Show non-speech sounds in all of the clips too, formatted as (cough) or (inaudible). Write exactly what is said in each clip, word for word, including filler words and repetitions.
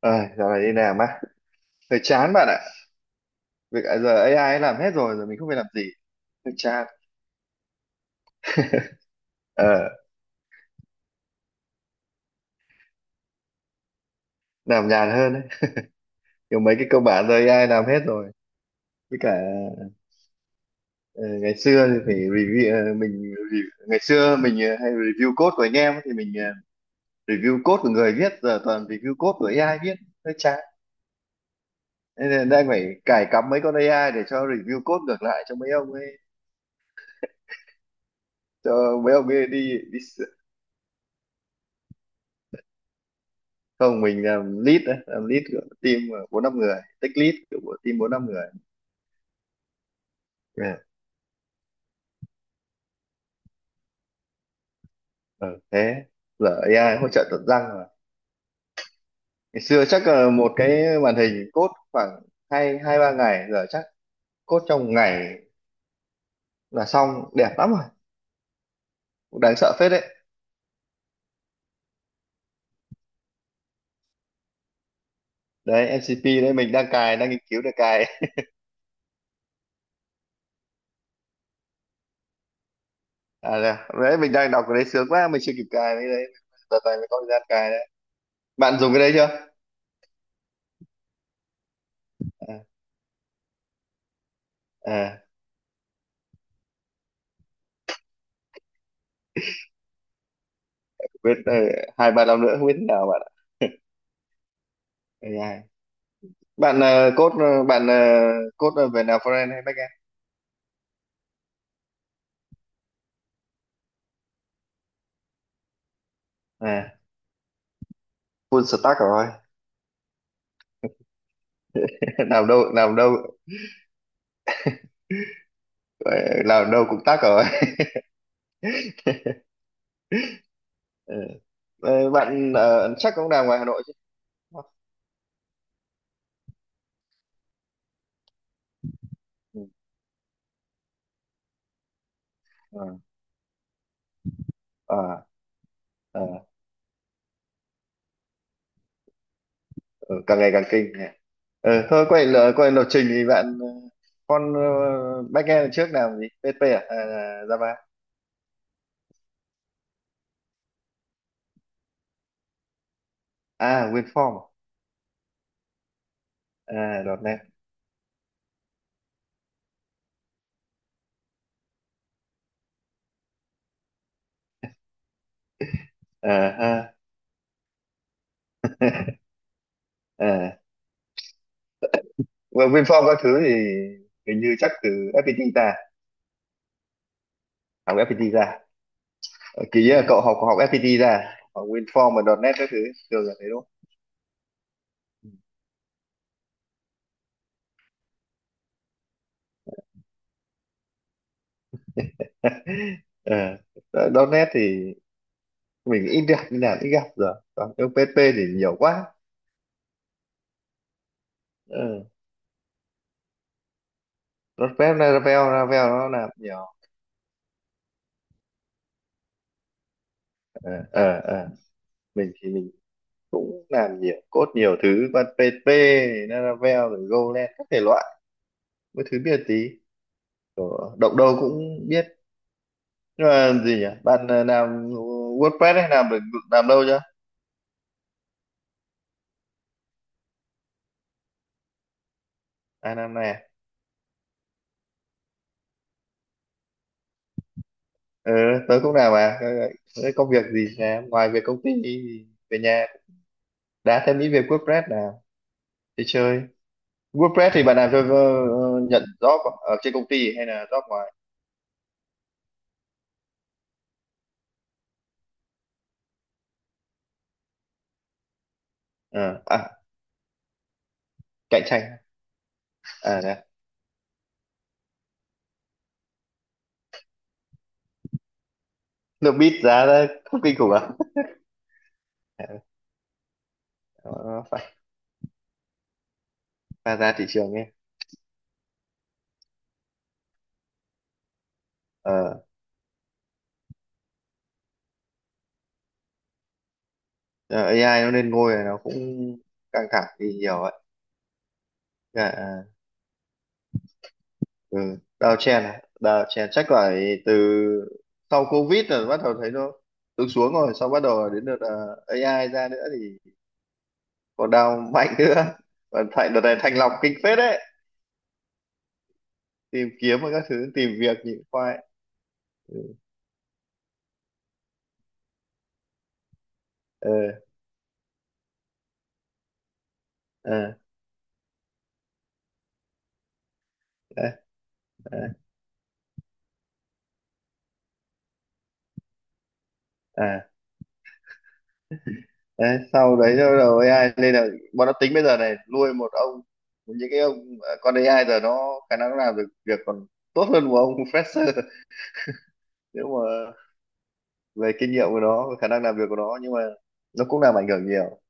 ờ Dạo này đi làm á, hơi chán bạn ạ. Việc à, giờ a i ấy làm hết rồi, giờ mình không phải làm gì. Hơi chán. Ờ, làm nhàn hơn đấy. Kiểu mấy cái cơ bản giờ a i làm hết rồi. Với cả ờ, ngày xưa thì phải review, ờ, mình re- ngày xưa mình ờ, hay review code của anh em ấy, thì mình ờ, review code của người viết, giờ toàn review code của a i viết. Hơi chán. Nên là đang phải cài cắm mấy con a i để cho review code ngược lại cho mấy ông ấy, cho mấy ông ấy đi đi. Không, mình làm lead đấy, làm lead của team ờ, bốn năm người, tech lead của team bốn năm người. Yeah. ờ, Thế giờ a i hỗ trợ tận răng rồi, ngày xưa chắc là một cái màn hình code khoảng hai hai ba ngày, giờ chắc code trong một ngày là xong đẹp lắm rồi. Cũng đáng sợ phết đấy. Đấy, em xê pê đấy mình đang cài, đang nghiên cứu để cài. À, đấy đấy, mình đang đọc cái đấy sướng quá, mình chưa kịp cài cái đấy, đợt này mới có thời gian cài đấy. Bạn dùng cái đấy chưa? À, à biết, ờ, hai ba năm nữa không biết thế nào bạn ạ. a i. Bạn ờ, cốt ờ, bạn ờ, cốt ờ, về nào front hay back end? À, full stack rồi. (laughs) làm đâu làm đâu ờ, làm đâu cũng tắc rồi. Ừ. Ờ, bạn ờ, chắc cũng làm ngoài Hà Nội chứ, đúng không? Ừ. Ờ. À, à, ừ, càng ngày càng kinh nhỉ. Ừ, thôi quay lại quay lập trình thì bạn, ờ, con, ờ, backend trước làm gì? pê hát pê à? À, Java? À, WinForm? À, nét? À ha. (laughs) À. Well, WinForm các thứ thì hình như chắc từ ép pê tê ra, học ép pê tê ra. Ờ, kỳ á, cậu học học ép pê tê ra à? Học WinForm và .nét các thứ thường là thế đúng không? (laughs) Ờ, đó- .nét thì mình ít gặp nên là ít gặp rồi, còn cái pê hát pê thì nhiều quá. Ừ. nét, Laravel Laravel nó làm nhiều. Ờ, ờ, ờ. Mình thì mình cũng làm nhiều code nhiều thứ, còn pê hát pê, Laravel rồi Golang các thể loại, mấy thứ biết tí, động đâu cũng biết. Nhưng mà gì nhỉ, bạn ờ, làm WordPress hay, làm được làm lâu chưa? À, năm nay à? ờ Tớ cũng làm. À, ờ, thế công việc gì? Làm ngoài việc công ty thì về nhà đá thêm ít về WordPress nào, đi chơi. WordPress thì bạn làm cho, ờ, nhận job ở trên công ty hay là job ngoài? Ờ, à, cạnh tranh. À đấy. Được biết giá ra không kinh khủng à? (laughs) nó nó phải pha giá thị trường ấy. ờ Giờ a i nó lên ngôi rồi, nó cũng căng thẳng thì nhiều ấy. Dạ, à. Ừ. Đào chèn à? Đào chèn chắc phải từ sau Covid rồi, bắt đầu thấy nó xuống xuống rồi, sau bắt đầu đến đợt ờ, a i ra nữa thì còn đào mạnh nữa, còn thành đợt này thanh lọc kinh phết đấy, tìm kiếm và các thứ tìm việc nhịn khoai. Ừ. ờ à, đấy, đấy, à, đấy. Sau đấy nó bắt đầu ây ai nên là bọn nó tính bây giờ này nuôi một ông, những cái ông, à, con a i giờ nó khả năng nó làm được việc còn tốt hơn một ông (laughs) fresher, nếu mà về kinh nghiệm của nó, về khả năng làm việc của nó, nhưng mà nó cũng làm ảnh hưởng nhiều.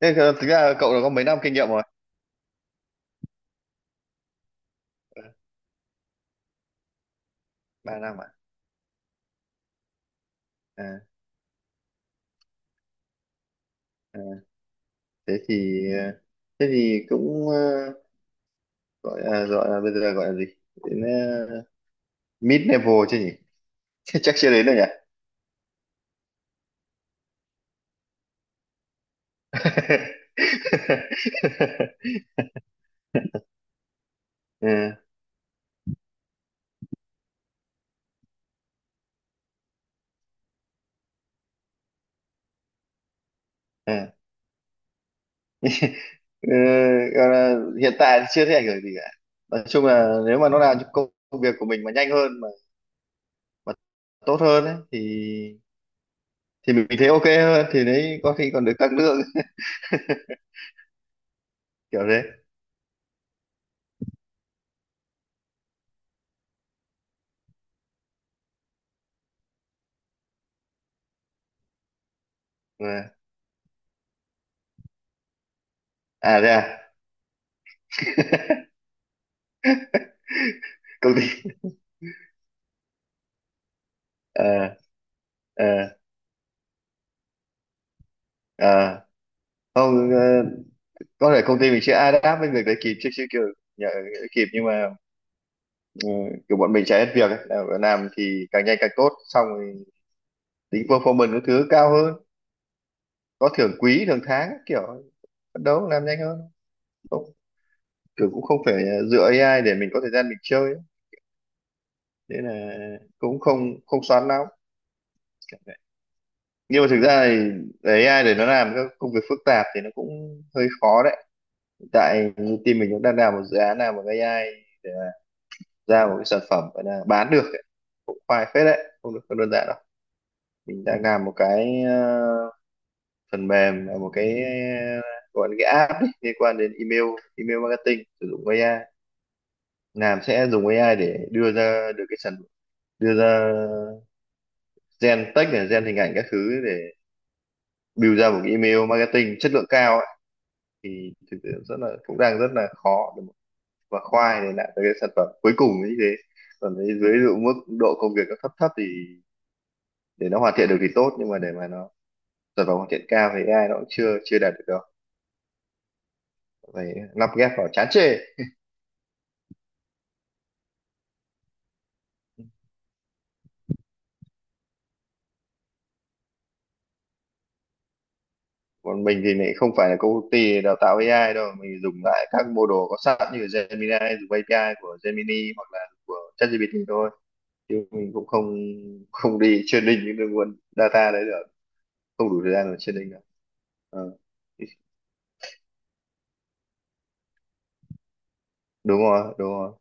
Thế thì thực ra cậu đã có mấy năm kinh nghiệm rồi? Ba năm à? À, à, thế thì ờ, thế thì cũng, ờ, gọi là, gọi là bây giờ gọi là gì, đến ờ, mid level chứ nhỉ? (laughs) Chắc chưa đến đâu nhỉ. (laughs) Ừ, ừ. Ừ, gọi là hiện tại chưa thấy ảnh hưởng gì cả, nói chung là nếu mà nó làm cho công việc của mình mà nhanh hơn, mà, mà tốt hơn ấy, thì thì mình thấy ok hơn, thì đấy có khi còn được tăng lương. (laughs) Kiểu thế. À, à thế à, công ty, ờ ờ ờ không. ờ, có thể công ty mình sẽ adapt với việc đấy kịp, chứ chứ kiểu, nhờ, kịp nhưng mà, ừ, kiểu bọn mình chạy hết việc ấy. làm làm thì càng nhanh càng tốt, xong rồi tính performance các thứ cao hơn, có thưởng quý thưởng tháng kiểu phấn đấu làm nhanh hơn. Không, kiểu cũng không phải ờ, dựa a i để mình có thời gian mình chơi ấy. Nên là cũng không không xoắn lắm. Nhưng mà thực ra thì để a i, để nó làm các công việc phức tạp thì nó cũng hơi khó đấy. Hiện tại như team mình cũng đang làm một dự án nào bằng a i ra một cái sản phẩm gọi là bán được ấy. Cũng khoai phết đấy, không được không đơn giản đâu. Mình đang làm một cái, ờ, phần mềm, là một cái, ờ, gọi là cái app ấy, liên quan đến email email marketing sử dụng a i, làm sẽ dùng a i để đưa ra được cái sản, đưa ra gen text này, gen hình ảnh các thứ để build ra một cái email marketing chất lượng cao. Thì thực sự rất là cũng đang rất là khó để mà- và khoai để lại cái sản phẩm cuối cùng như thế. Còn với dưới dụ mức độ công việc nó thấp thấp thì để nó hoàn thiện được thì tốt, nhưng mà để mà nó sản phẩm hoàn thiện cao thì a i nó cũng chưa chưa đạt được đâu. Phải lắp ghép vào chán chê. Còn mình thì lại không phải là công ty đào tạo a i đâu, mình dùng lại các mô đồ có sẵn như Gemini, dùng a pi ai của Gemini hoặc là của ChatGPT thôi, chứ mình cũng không không đi training những cái nguồn data đấy được, không đủ thời gian để training được. Ờ. Đúng rồi, đúng rồi,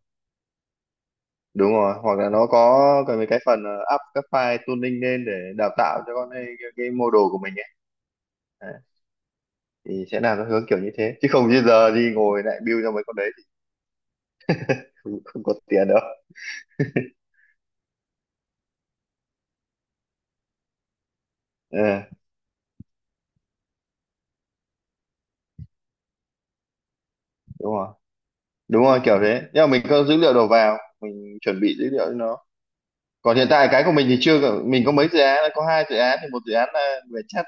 đúng rồi. Hoặc là nó có cái mấy cái phần, ờ, up các file tuning lên để đào tạo cho con ấy, cái, cái model của mình ấy. Đấy, thì sẽ làm nó hướng kiểu như thế, chứ không như giờ đi ngồi lại build cho mấy con đấy thì, không, không có tiền đâu. Ừ, đúng rồi, đúng rồi kiểu thế, nhưng mà mình có dữ liệu đầu vào, mình chuẩn bị dữ liệu cho nó. Còn hiện tại cái của mình thì chưa có- mình có mấy dự án, có hai dự án thì một dự án là về chat,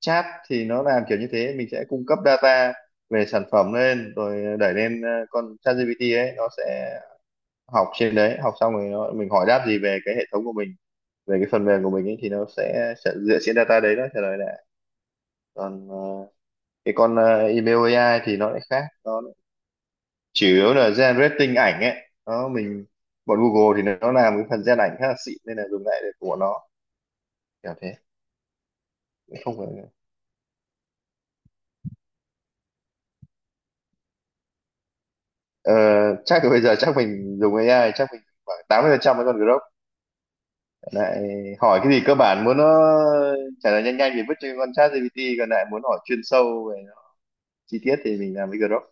chat thì nó làm kiểu như thế, mình sẽ cung cấp data về sản phẩm lên rồi đẩy lên, ờ, con ChatGPT ấy, nó sẽ học trên đấy, học xong rồi nó, mình hỏi đáp gì về cái hệ thống của mình, về cái phần mềm của mình ấy thì nó sẽ, sẽ dựa trên data đấy nó trả lời lại. Còn ờ, cái con ờ, email a i thì nó lại khác, nó chủ yếu là generating ảnh ấy, nó mình, bọn Google thì nó làm cái phần gen ảnh khá là xịn nên là dùng lại được của nó, kiểu thế. Không phải, ờ, chắc là bây giờ chắc mình dùng ây ai chắc mình khoảng tám mươi phần trăm với con Grok, lại hỏi cái gì cơ bản muốn nó trả lời nhanh nhanh thì vứt cho con ChatGPT, còn lại muốn hỏi chuyên sâu về chi tiết thì mình làm với Grok.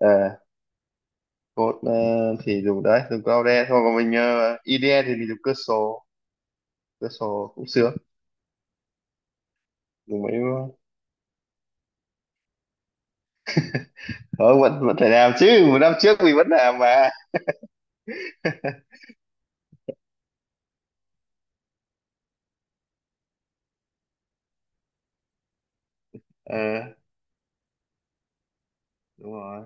À, code, ờ, thì dùng đấy dùng Claude thôi, còn mình, uh, ai đi i thì mình dùng Cursor. Cursor cũng sướng. Dùng mấy, ờ, ờ, vẫn vẫn phải làm chứ, một năm trước mình vẫn làm mà. Ờ, đúng rồi,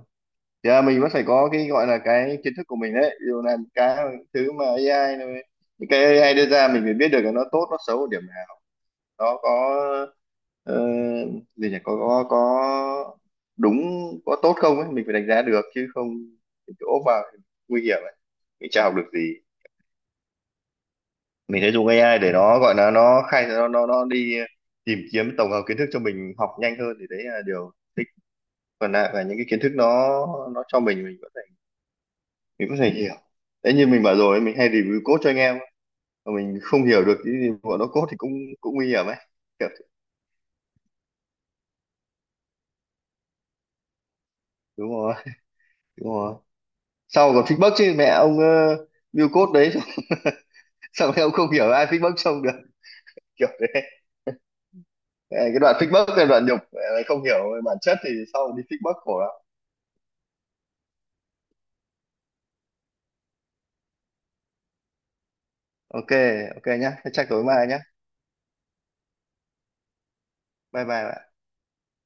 giờ mình vẫn phải có cái gọi là cái kiến thức của mình đấy. Dù dụ làm cái thứ mà a i này, những cái a i đưa ra mình phải biết được là nó tốt nó xấu ở điểm nào, nó có ờ, gì nhỉ, có có có đúng có tốt không ấy, mình phải đánh giá được, chứ không mình cứ ốp vào thì nguy hiểm ấy, mình chả học được gì. Mình sẽ dùng a i để nó gọi là nó khai, nó nó nó đi tìm kiếm tổng hợp kiến thức cho mình học nhanh hơn, thì đấy là điều thích. Còn lại là những cái kiến thức nó nó cho mình mình có thể, mình có thể hiểu. Đấy như mình bảo rồi, mình hay review code cho anh em mà mình không hiểu được cái gì bọn nó code thì cũng cũng nguy hiểm ấy. Kiểu- thế. Đúng rồi, đúng rồi, sau còn feedback chứ, mẹ ông, uh, build code đấy, sao em cũng không hiểu ai fake bốc trông được. (laughs) Kiểu thế. Ờ, cái đoạn fake bốc là đoạn nhục. Ờ, không hiểu bản chất thì sau đi fake bốc khổ lắm. Ok, ok nhá. Thế chắc tối mai nhá. Bye bye bạn.